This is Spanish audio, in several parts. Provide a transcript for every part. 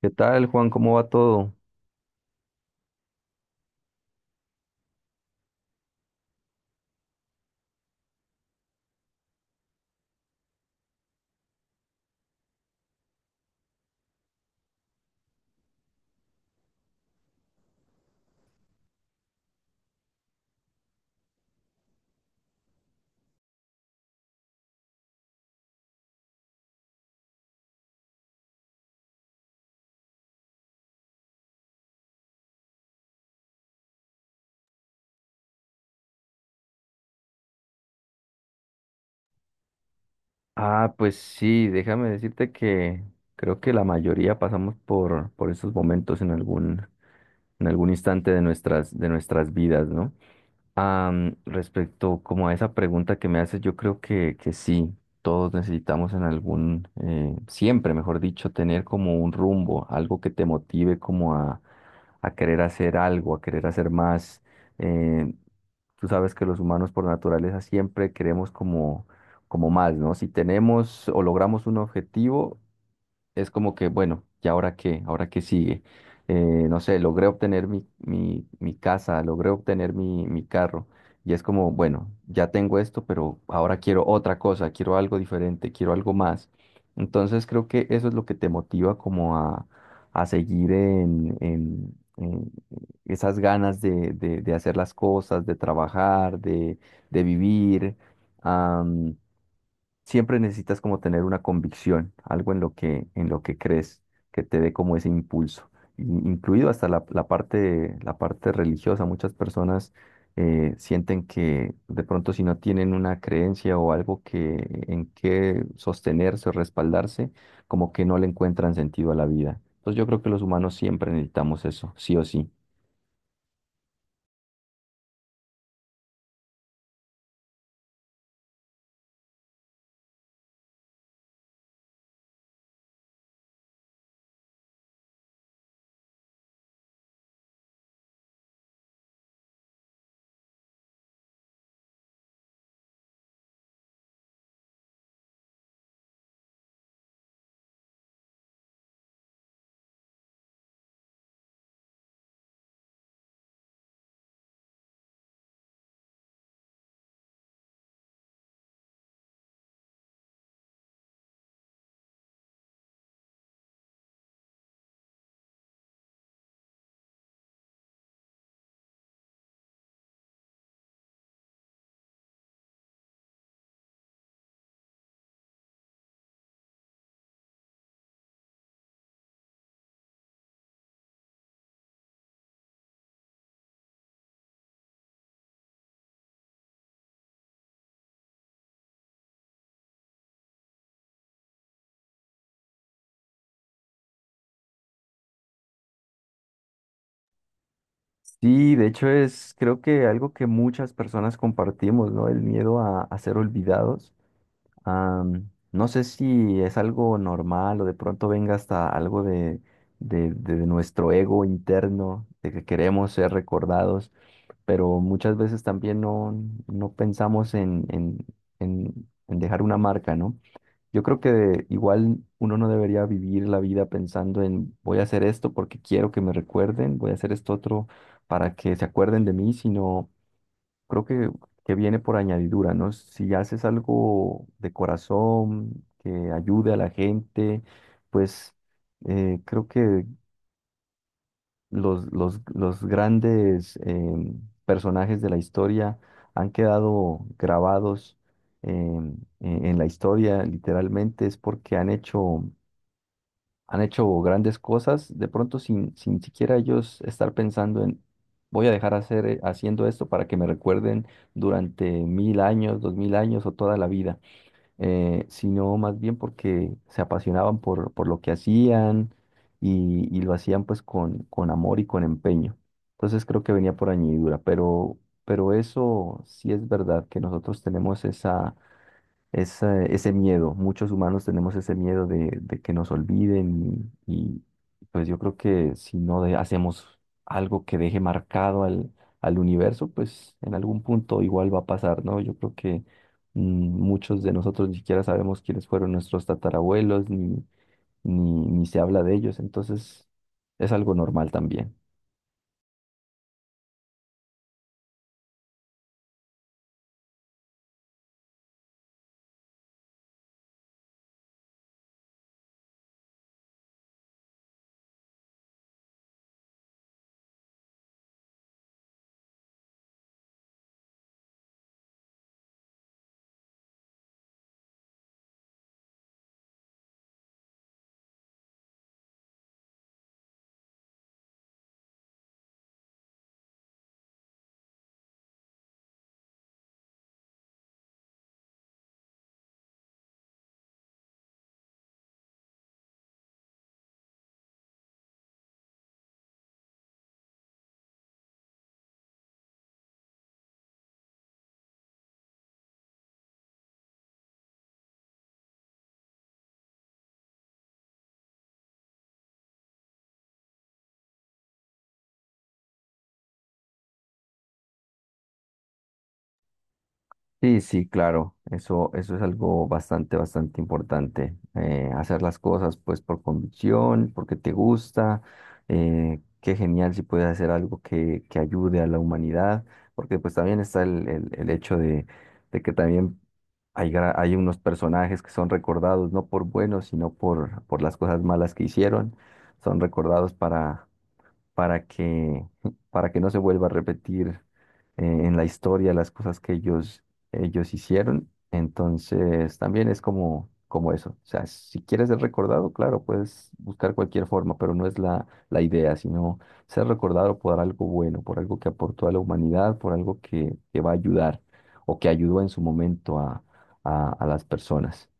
¿Qué tal, Juan? ¿Cómo va todo? Ah, pues sí, déjame decirte que creo que la mayoría pasamos por esos momentos en algún instante de nuestras vidas, ¿no? Respecto como a esa pregunta que me haces, yo creo que sí, todos necesitamos en algún, siempre, mejor dicho, tener como un rumbo, algo que te motive como a querer hacer algo, a querer hacer más. eh, Tú sabes que los humanos por naturaleza siempre queremos como más, ¿no? Si tenemos o logramos un objetivo, es como que, bueno, ¿y ahora qué? ¿Ahora qué sigue? Eh, no sé, logré obtener mi casa, logré obtener mi carro. Y es como, bueno, ya tengo esto, pero ahora quiero otra cosa, quiero algo diferente, quiero algo más. Entonces creo que eso es lo que te motiva como a seguir en esas ganas de hacer las cosas, de trabajar, de vivir. Siempre necesitas como tener una convicción, algo en lo en lo que crees, que te dé como ese impulso, incluido hasta la parte religiosa. Muchas personas sienten que de pronto si no tienen una creencia o algo que, en que sostenerse o respaldarse, como que no le encuentran sentido a la vida. Entonces yo creo que los humanos siempre necesitamos eso, sí o sí. Sí, de hecho es creo que algo que muchas personas compartimos, ¿no? El miedo a ser olvidados. No sé si es algo normal o de pronto venga hasta algo de nuestro ego interno, de que queremos ser recordados, pero muchas veces también no, no pensamos en dejar una marca, ¿no? Yo creo que igual uno no debería vivir la vida pensando en voy a hacer esto porque quiero que me recuerden, voy a hacer esto otro para que se acuerden de mí, sino creo que viene por añadidura, ¿no? Si haces algo de corazón, que ayude a la gente, pues creo que los grandes personajes de la historia han quedado grabados, en la historia, literalmente, es porque han hecho grandes cosas, de pronto sin siquiera ellos estar pensando en, voy a dejar hacer, haciendo esto para que me recuerden durante 1000 años, 2000 años o toda la vida, sino más bien porque se apasionaban por lo que hacían y lo hacían pues con amor y con empeño. Entonces creo que venía por añadidura, pero eso sí es verdad que nosotros tenemos ese miedo. Muchos humanos tenemos ese miedo de que nos olviden y, pues yo creo que si no hacemos algo que deje marcado al universo, pues en algún punto igual va a pasar, ¿no? Yo creo que mm, muchos de nosotros ni siquiera sabemos quiénes fueron nuestros tatarabuelos, ni, ni se habla de ellos, entonces es algo normal también. Sí, sí, claro, eso es algo bastante, bastante importante. Hacer las cosas pues por convicción, porque te gusta. Qué genial si puedes hacer algo que ayude a la humanidad, porque pues también está el hecho de que también hay, hay unos personajes que son recordados no por buenos, sino por las cosas malas que hicieron. Son recordados para que, para que no se vuelva a repetir en la historia las cosas que ellos hicieron. Entonces, también es como, como eso. O sea, si quieres ser recordado, claro, puedes buscar cualquier forma, pero no es la idea, sino ser recordado por algo bueno, por algo que aportó a la humanidad, por algo que va a ayudar o que ayudó en su momento a las personas.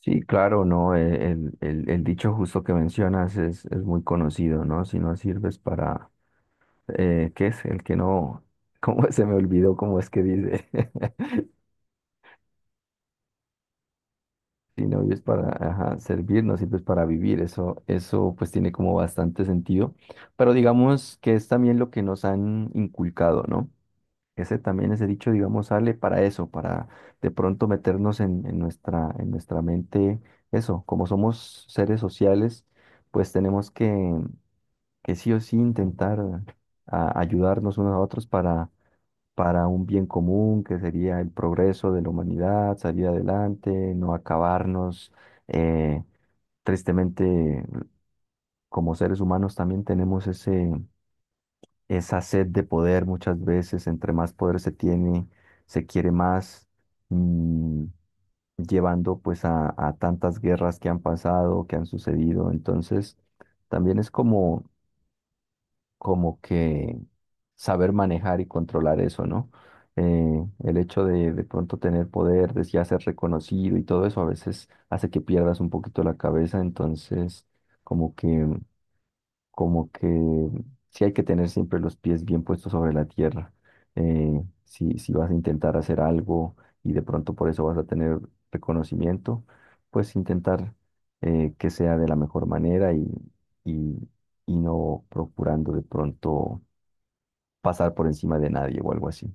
Sí, claro, no, el dicho justo que mencionas es muy conocido, ¿no? Si no sirves para, ¿qué es? El que no, ¿cómo se me olvidó cómo es que dice? Si no vives para ajá, servir, no sirves para vivir. Eso pues tiene como bastante sentido. Pero digamos que es también lo que nos han inculcado, ¿no? Ese también, ese dicho, digamos, sale para eso, para de pronto meternos en nuestra mente eso. Como somos seres sociales, pues tenemos que sí o sí intentar ayudarnos unos a otros para un bien común, que sería el progreso de la humanidad, salir adelante, no acabarnos. Eh, Tristemente, como seres humanos también tenemos ese esa sed de poder muchas veces, entre más poder se tiene, se quiere más, mm, llevando pues a tantas guerras que han pasado, que han sucedido. Entonces, también es como, como que saber manejar y controlar eso, ¿no? El hecho de pronto tener poder, de ya ser reconocido y todo eso a veces hace que pierdas un poquito la cabeza, entonces como que como que sí hay que tener siempre los pies bien puestos sobre la tierra. Si vas a intentar hacer algo y de pronto por eso vas a tener reconocimiento, pues intentar que sea de la mejor manera y, y no procurando de pronto pasar por encima de nadie o algo así.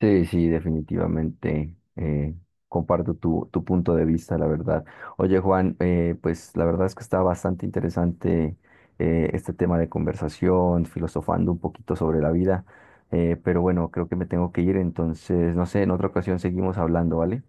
Sí, sí, definitivamente. Comparto tu punto de vista, la verdad. Oye, Juan, pues la verdad es que está bastante interesante, este tema de conversación, filosofando un poquito sobre la vida. Pero bueno, creo que me tengo que ir, entonces, no sé, en otra ocasión seguimos hablando, ¿vale?